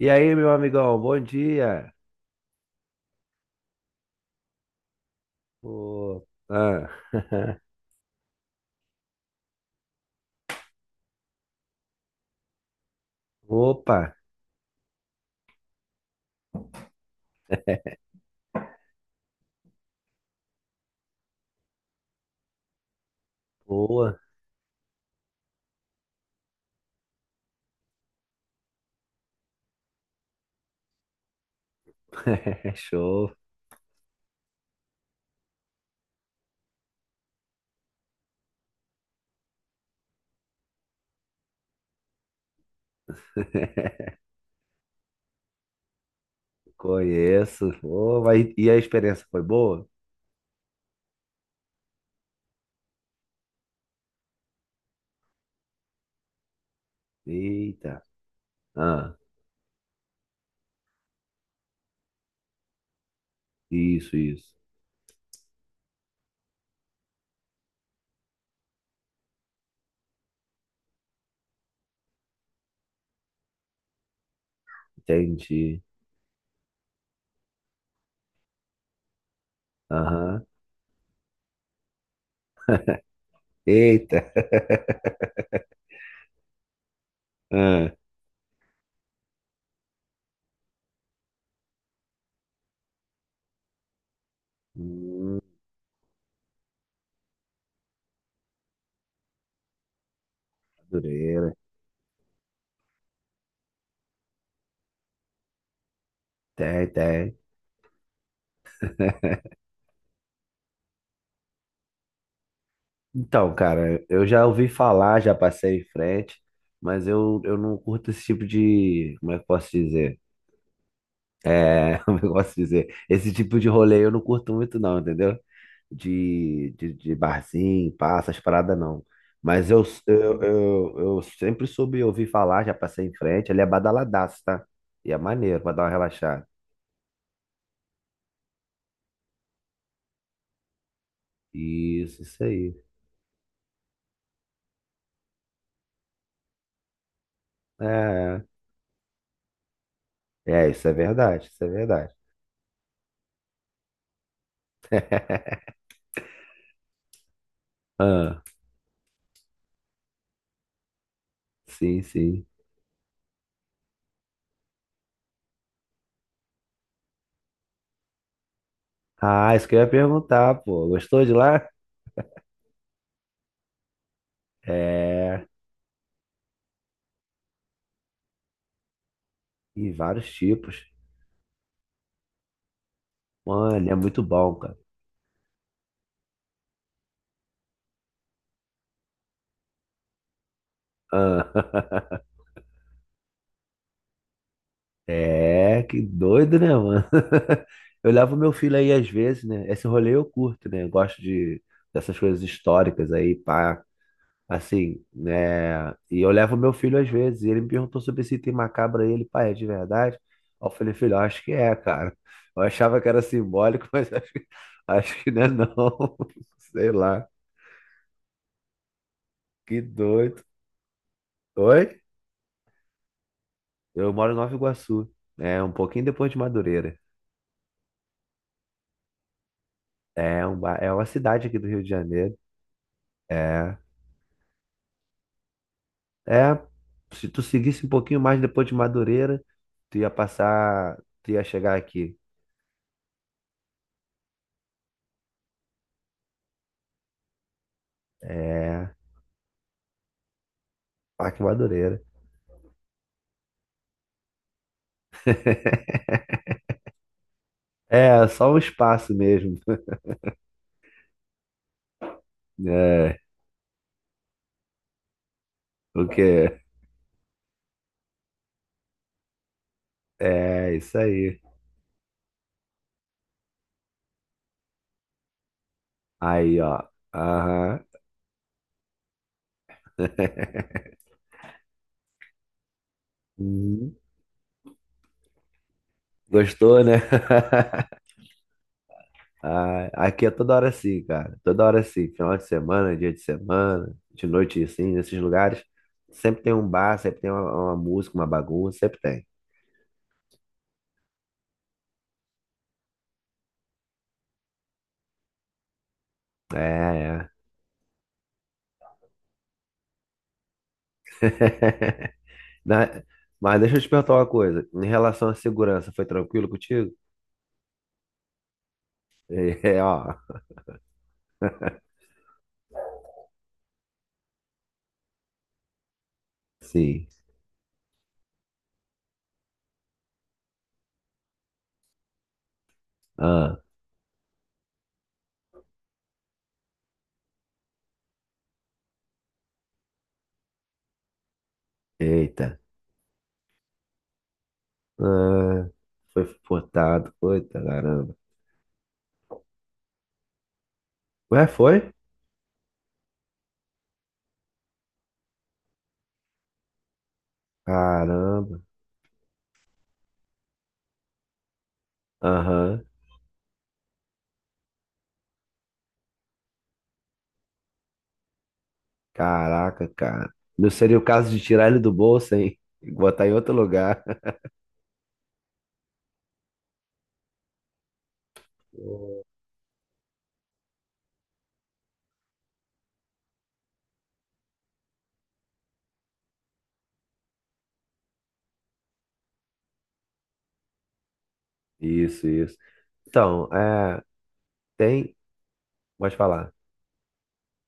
E aí, meu amigão, bom dia. Ô, ah, Opa, boa, show, conheço. Ô, E a experiência foi boa? Eita, ah, isso, entendi. Aham, Eita, ah. Hum, Madureira, tem, tem. Então, cara, eu já ouvi falar, já passei em frente, mas eu não curto esse tipo de, como é que eu posso dizer? É, como eu gosto de dizer, esse tipo de rolê eu não curto muito não, entendeu? De barzinho, passas, paradas não. Mas eu sempre soube ouvir falar, já passei em frente, ele é badaladaço, tá? E é maneiro pra dar uma relaxada. Isso aí. É, é, isso é verdade, isso é verdade. Ah, sim, sim. Ah, isso que eu ia perguntar, pô. Gostou de lá? É, e vários tipos. Mano, é muito bom, cara. Ah. É, que doido, né, mano? Eu levo meu filho aí às vezes, né? Esse rolê eu curto, né? Eu gosto de dessas coisas históricas aí, pá, assim, né? E eu levo meu filho às vezes, e ele me perguntou sobre esse item macabro aí, ele, pai, é de verdade? Aí eu falei, filho, eu acho que é, cara. Eu achava que era simbólico, mas acho que não é não. Sei lá, que doido. Oi? Eu moro em Nova Iguaçu, é um pouquinho depois de Madureira. É, é uma cidade aqui do Rio de Janeiro. É. É, se tu seguisse um pouquinho mais depois de Madureira, tu ia chegar aqui. É, Parque Madureira. É, só um espaço mesmo. É, o quê? É, isso aí. Aí, ó. Aham. Uhum. Gostou, né? Ah, aqui é toda hora assim, cara. Toda hora assim. Final de semana, dia de semana, de noite assim, nesses lugares. Sempre tem um bar, sempre tem uma música, uma bagunça, sempre tem. É, é. Na- Mas deixa eu te perguntar uma coisa. Em relação à segurança, foi tranquilo contigo? É, ó. Sim. Ah, eita. Ah, foi furtado. Eita, caramba. Ué, foi? Caramba. Aham. Caraca, cara. Não seria o caso de tirar ele do bolso, hein? E botar em outro lugar. Isso, isso. Então, é, tem. Pode falar.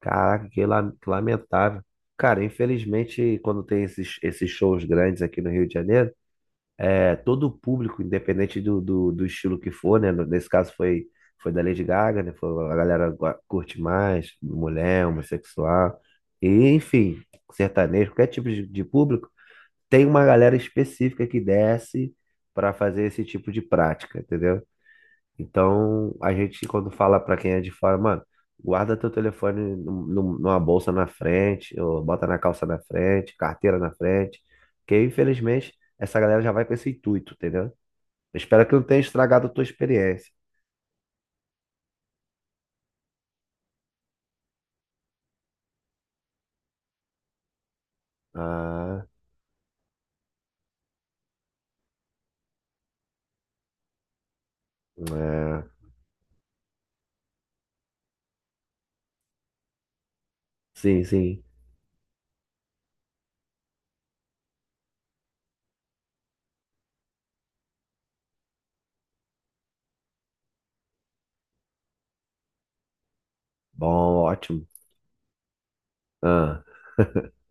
Caraca, que lamentável. Cara, infelizmente, quando tem esses shows grandes aqui no Rio de Janeiro, é, todo o público, independente do estilo que for, né? Nesse caso foi, foi da Lady Gaga, né? Foi, a galera curte mais, mulher, homossexual, e, enfim, sertanejo, qualquer tipo de público, tem uma galera específica que desce para fazer esse tipo de prática, entendeu? Então, a gente, quando fala pra quem é de fora, mano, guarda teu telefone numa bolsa na frente, ou bota na calça na frente, carteira na frente, porque infelizmente essa galera já vai com esse intuito, entendeu? Eu espero que não tenha estragado a tua experiência. Ah, é. Sim, sim. Bom, ótimo. Ah,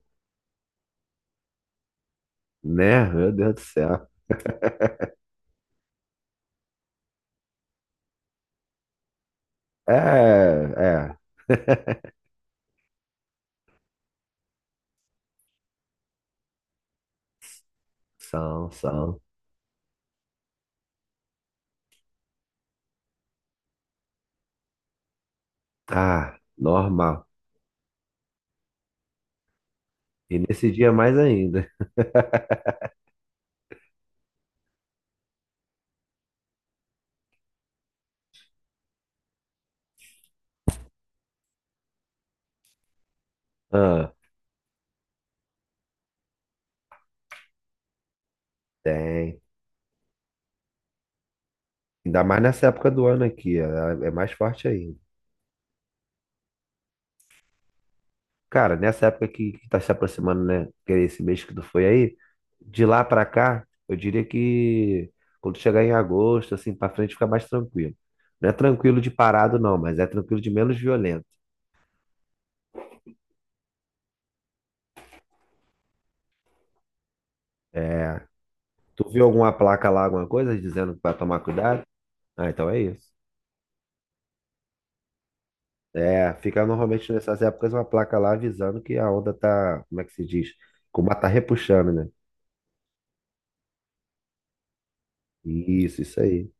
né? Meu Deus do céu. É, é. São, são. Ah, normal. E nesse dia mais ainda. Ah. Tem. Ainda mais nessa época do ano aqui, é mais forte ainda. Cara, nessa época que tá se aproximando, né? Que é esse mês que tu foi aí, de lá pra cá, eu diria que quando chegar em agosto, assim, pra frente fica mais tranquilo. Não é tranquilo de parado, não, mas é tranquilo de menos violento. É. Tu viu alguma placa lá, alguma coisa, dizendo pra tomar cuidado? Ah, então é isso. É, fica normalmente nessas épocas uma placa lá avisando que a onda tá, como é que se diz? Como ela tá repuxando, né? Isso aí.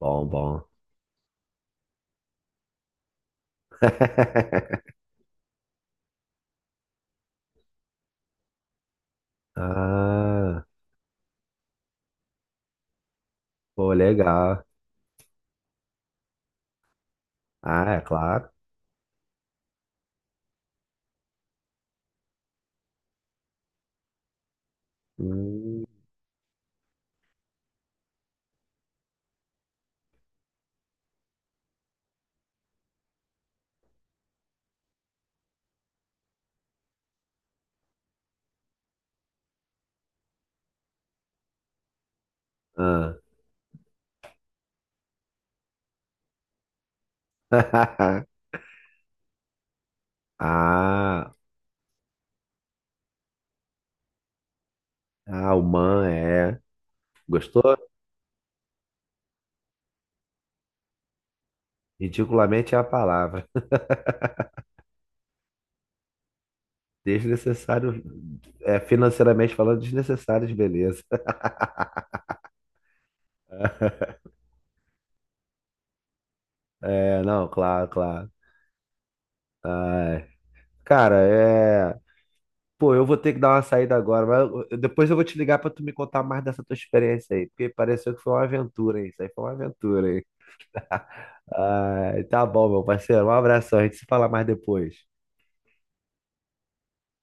Bom, bom. Ah, pô, legal. Ah, é claro. Hum, ah. Ah, ah, o man é. Gostou? Ridiculamente é a palavra. Desnecessário, é, financeiramente falando, desnecessário de beleza. É, não, claro, claro. Ai, cara, é. Pô, eu vou ter que dar uma saída agora, mas depois eu vou te ligar pra tu me contar mais dessa tua experiência aí, porque pareceu que foi uma aventura, hein? Isso aí foi uma aventura, hein? Ai, tá bom, meu parceiro. Um abração. A gente se fala mais depois.